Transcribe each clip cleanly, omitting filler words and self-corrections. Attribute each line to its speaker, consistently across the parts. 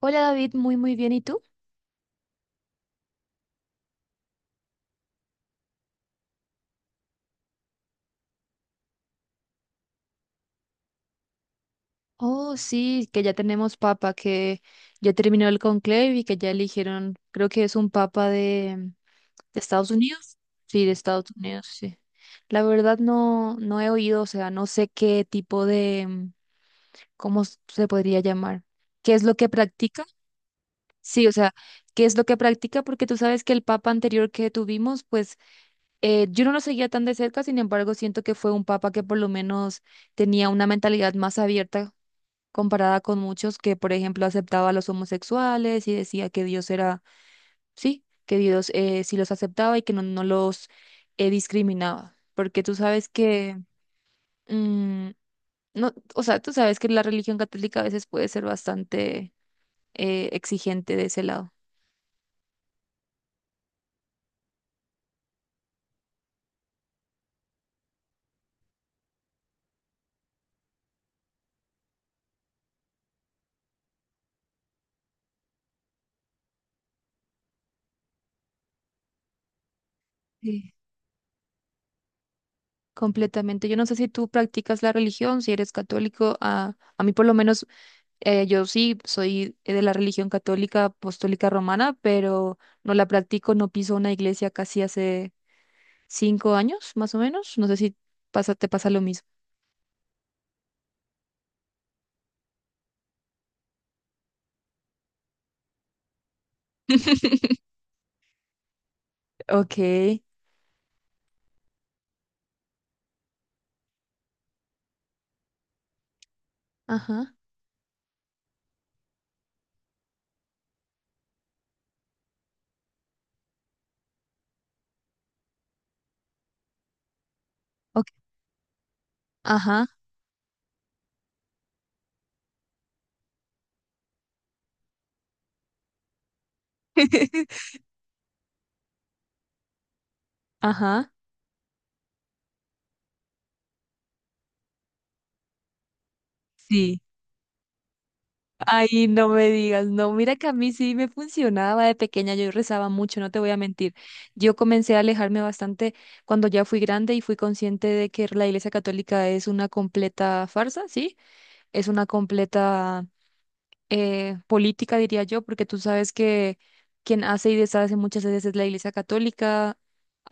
Speaker 1: Hola, David, muy muy bien. ¿Y tú? Oh, sí, que ya tenemos papa, que ya terminó el conclave y que ya eligieron, creo que es un papa de Estados Unidos. Sí, de Estados Unidos, sí. La verdad no, no he oído, o sea, no sé qué tipo de, ¿cómo se podría llamar? ¿Qué es lo que practica? Sí, o sea, ¿qué es lo que practica? Porque tú sabes que el papa anterior que tuvimos, pues yo no lo seguía tan de cerca, sin embargo, siento que fue un papa que por lo menos tenía una mentalidad más abierta comparada con muchos que, por ejemplo, aceptaba a los homosexuales y decía que Dios era, sí, que Dios sí los aceptaba y que no, no los discriminaba, porque tú sabes que, mm, no, o sea, tú sabes que la religión católica a veces puede ser bastante exigente de ese lado. Sí. Completamente. Yo no sé si tú practicas la religión, si eres católico, a mí por lo menos. Yo sí soy de la religión católica apostólica romana, pero no la practico, no piso una iglesia casi hace 5 años, más o menos. No sé si te pasa lo mismo. Ok, ajá, ok, ajá, ajá, sí. Ay, no me digas, no, mira que a mí sí me funcionaba de pequeña, yo rezaba mucho, no te voy a mentir. Yo comencé a alejarme bastante cuando ya fui grande y fui consciente de que la Iglesia Católica es una completa farsa, ¿sí? Es una completa política, diría yo, porque tú sabes que quien hace y deshace muchas veces es la Iglesia Católica,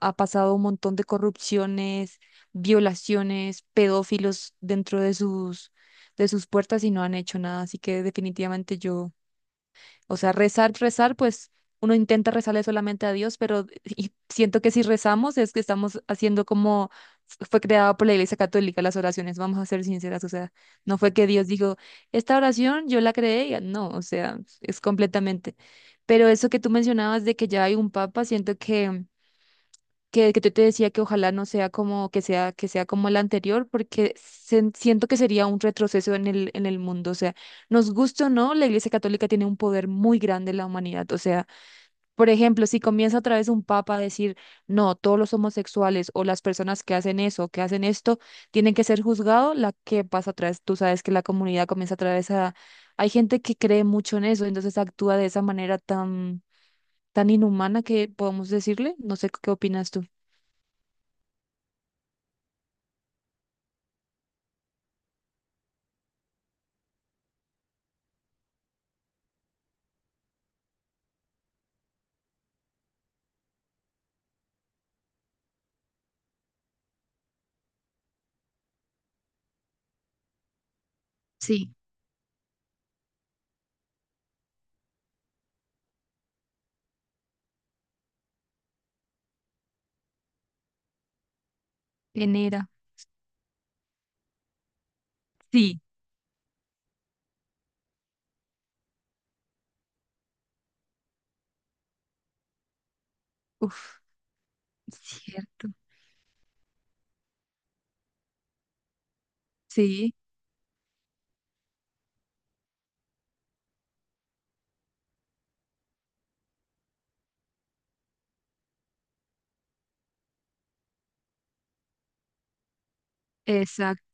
Speaker 1: ha pasado un montón de corrupciones, violaciones, pedófilos dentro de sus puertas y no han hecho nada, así que definitivamente yo, o sea, rezar, rezar, pues uno intenta rezarle solamente a Dios, pero y siento que si rezamos es que estamos haciendo como fue creado por la Iglesia Católica las oraciones, vamos a ser sinceras, o sea, no fue que Dios dijo, esta oración yo la creé, no, o sea, es completamente. Pero eso que tú mencionabas de que ya hay un papa, siento que que yo te decía que ojalá no sea como que sea como la anterior porque siento que sería un retroceso en el mundo, o sea, nos guste o no, la Iglesia Católica tiene un poder muy grande en la humanidad, o sea, por ejemplo, si comienza otra vez un papa a decir, "No, todos los homosexuales o las personas que hacen eso, que hacen esto, tienen que ser juzgados", la que pasa otra vez, tú sabes que la comunidad comienza otra vez a hay gente que cree mucho en eso, entonces actúa de esa manera tan tan inhumana que podemos decirle, no sé qué opinas tú. Sí. Genera. Sí. Uf, cierto. Sí, exacto,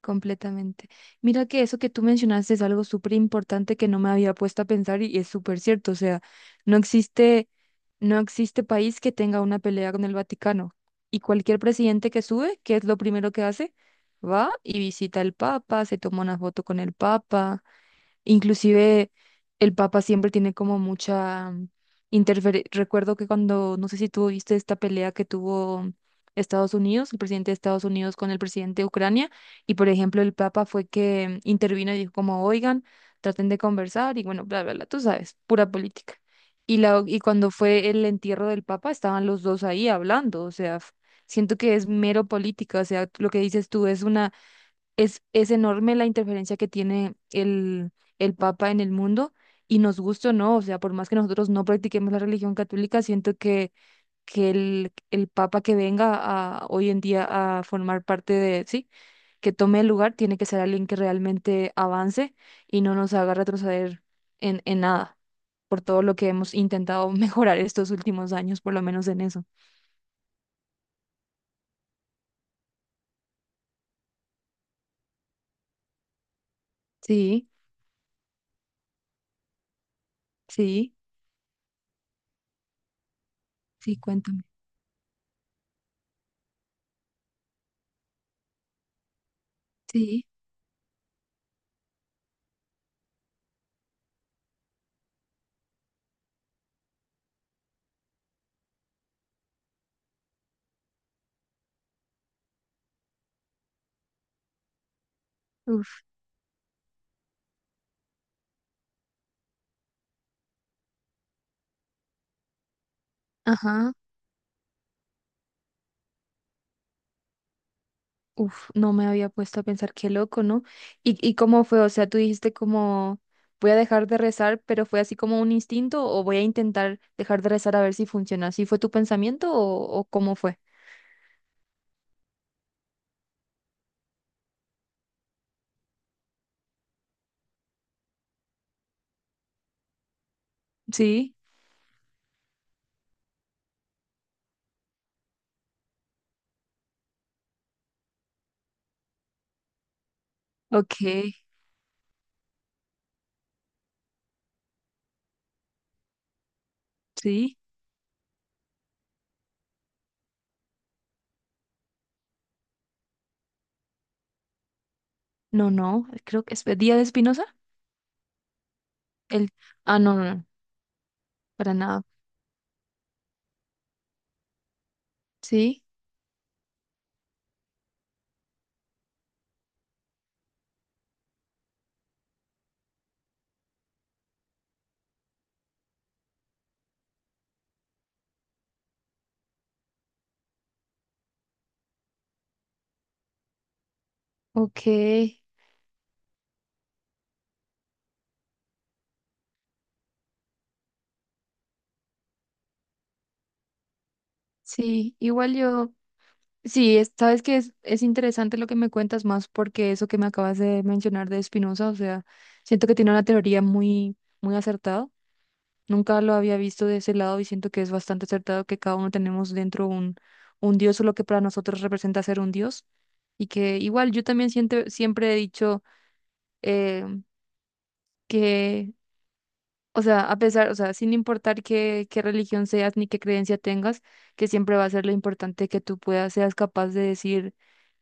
Speaker 1: completamente. Mira que eso que tú mencionaste es algo súper importante que no me había puesto a pensar y es súper cierto. O sea, no existe, no existe país que tenga una pelea con el Vaticano. Y cualquier presidente que sube, ¿qué es lo primero que hace? Va y visita al Papa, se toma una foto con el Papa. Inclusive el Papa siempre tiene como mucha interferencia. Recuerdo que cuando, no sé si tú viste esta pelea que tuvo Estados Unidos, el presidente de Estados Unidos con el presidente de Ucrania, y por ejemplo el Papa fue que intervino y dijo como, oigan, traten de conversar y bueno, bla, bla, bla, tú sabes, pura política. Y cuando fue el entierro del Papa, estaban los dos ahí hablando, o sea, siento que es mero política, o sea, lo que dices tú es es enorme la interferencia que tiene el Papa en el mundo y nos gusta o no, o sea, por más que nosotros no practiquemos la religión católica, siento que el Papa que venga hoy en día a formar parte de, sí, que tome el lugar, tiene que ser alguien que realmente avance y no nos haga retroceder en, nada, por todo lo que hemos intentado mejorar estos últimos años, por lo menos en eso. Sí, sí, sí, cuéntame. Sí, uf, ajá. Uf, no me había puesto a pensar, qué loco, ¿no? ¿Y cómo fue? O sea, tú dijiste como, voy a dejar de rezar, pero fue así como un instinto o voy a intentar dejar de rezar a ver si funciona. ¿Así fue tu pensamiento o cómo fue? Sí, ok, sí, no, no, creo que es Día de Espinosa. El... Ah, no, no, no, para nada. Sí, ok, sí, igual yo. Sí, sabes que es interesante lo que me cuentas más porque eso que me acabas de mencionar de Spinoza, o sea, siento que tiene una teoría muy, muy acertada. Nunca lo había visto de ese lado y siento que es bastante acertado que cada uno tenemos dentro un Dios o lo que para nosotros representa ser un Dios. Y que igual yo también siento, siempre he dicho eh, que, o sea, a pesar, o sea, sin importar qué religión seas ni qué creencia tengas, que siempre va a ser lo importante que tú puedas, seas capaz de decir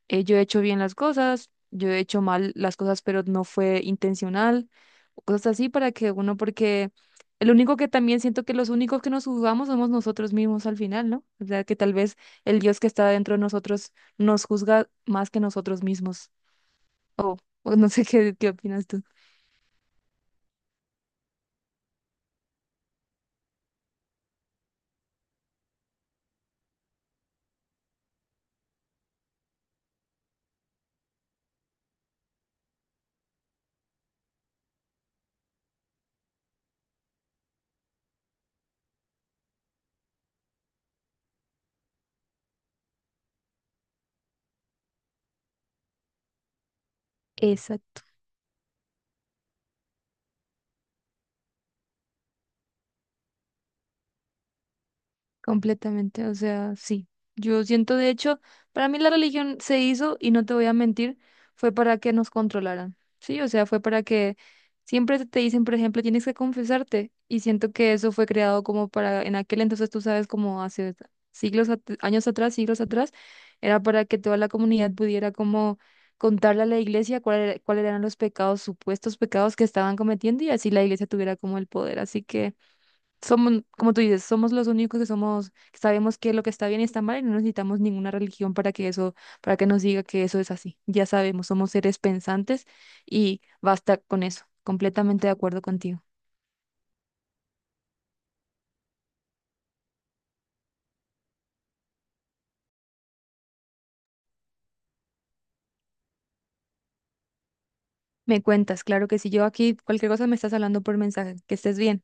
Speaker 1: yo he hecho bien las cosas, yo he hecho mal las cosas, pero no fue intencional, o cosas así para que uno, porque el único que también siento que los únicos que nos juzgamos somos nosotros mismos al final, ¿no? O sea, que tal vez el Dios que está dentro de nosotros nos juzga más que nosotros mismos, o o no sé qué opinas tú. Completamente, o sea, sí. Yo siento, de hecho, para mí la religión se hizo, y no te voy a mentir, fue para que nos controlaran, ¿sí? O sea, fue para que siempre te dicen, por ejemplo, tienes que confesarte, y siento que eso fue creado como para, en aquel entonces, tú sabes, como hace siglos, años atrás, siglos atrás, era para que toda la comunidad pudiera como contarle a la iglesia cuáles eran los pecados, supuestos pecados que estaban cometiendo, y así la iglesia tuviera como el poder. Así que somos, como tú dices, somos los únicos que sabemos qué es lo que está bien y está mal y no necesitamos ninguna religión para que eso, para que nos diga que eso es así. Ya sabemos, somos seres pensantes y basta con eso. Completamente de acuerdo contigo. Me cuentas, claro que si yo aquí cualquier cosa me estás hablando por mensaje. Que estés bien.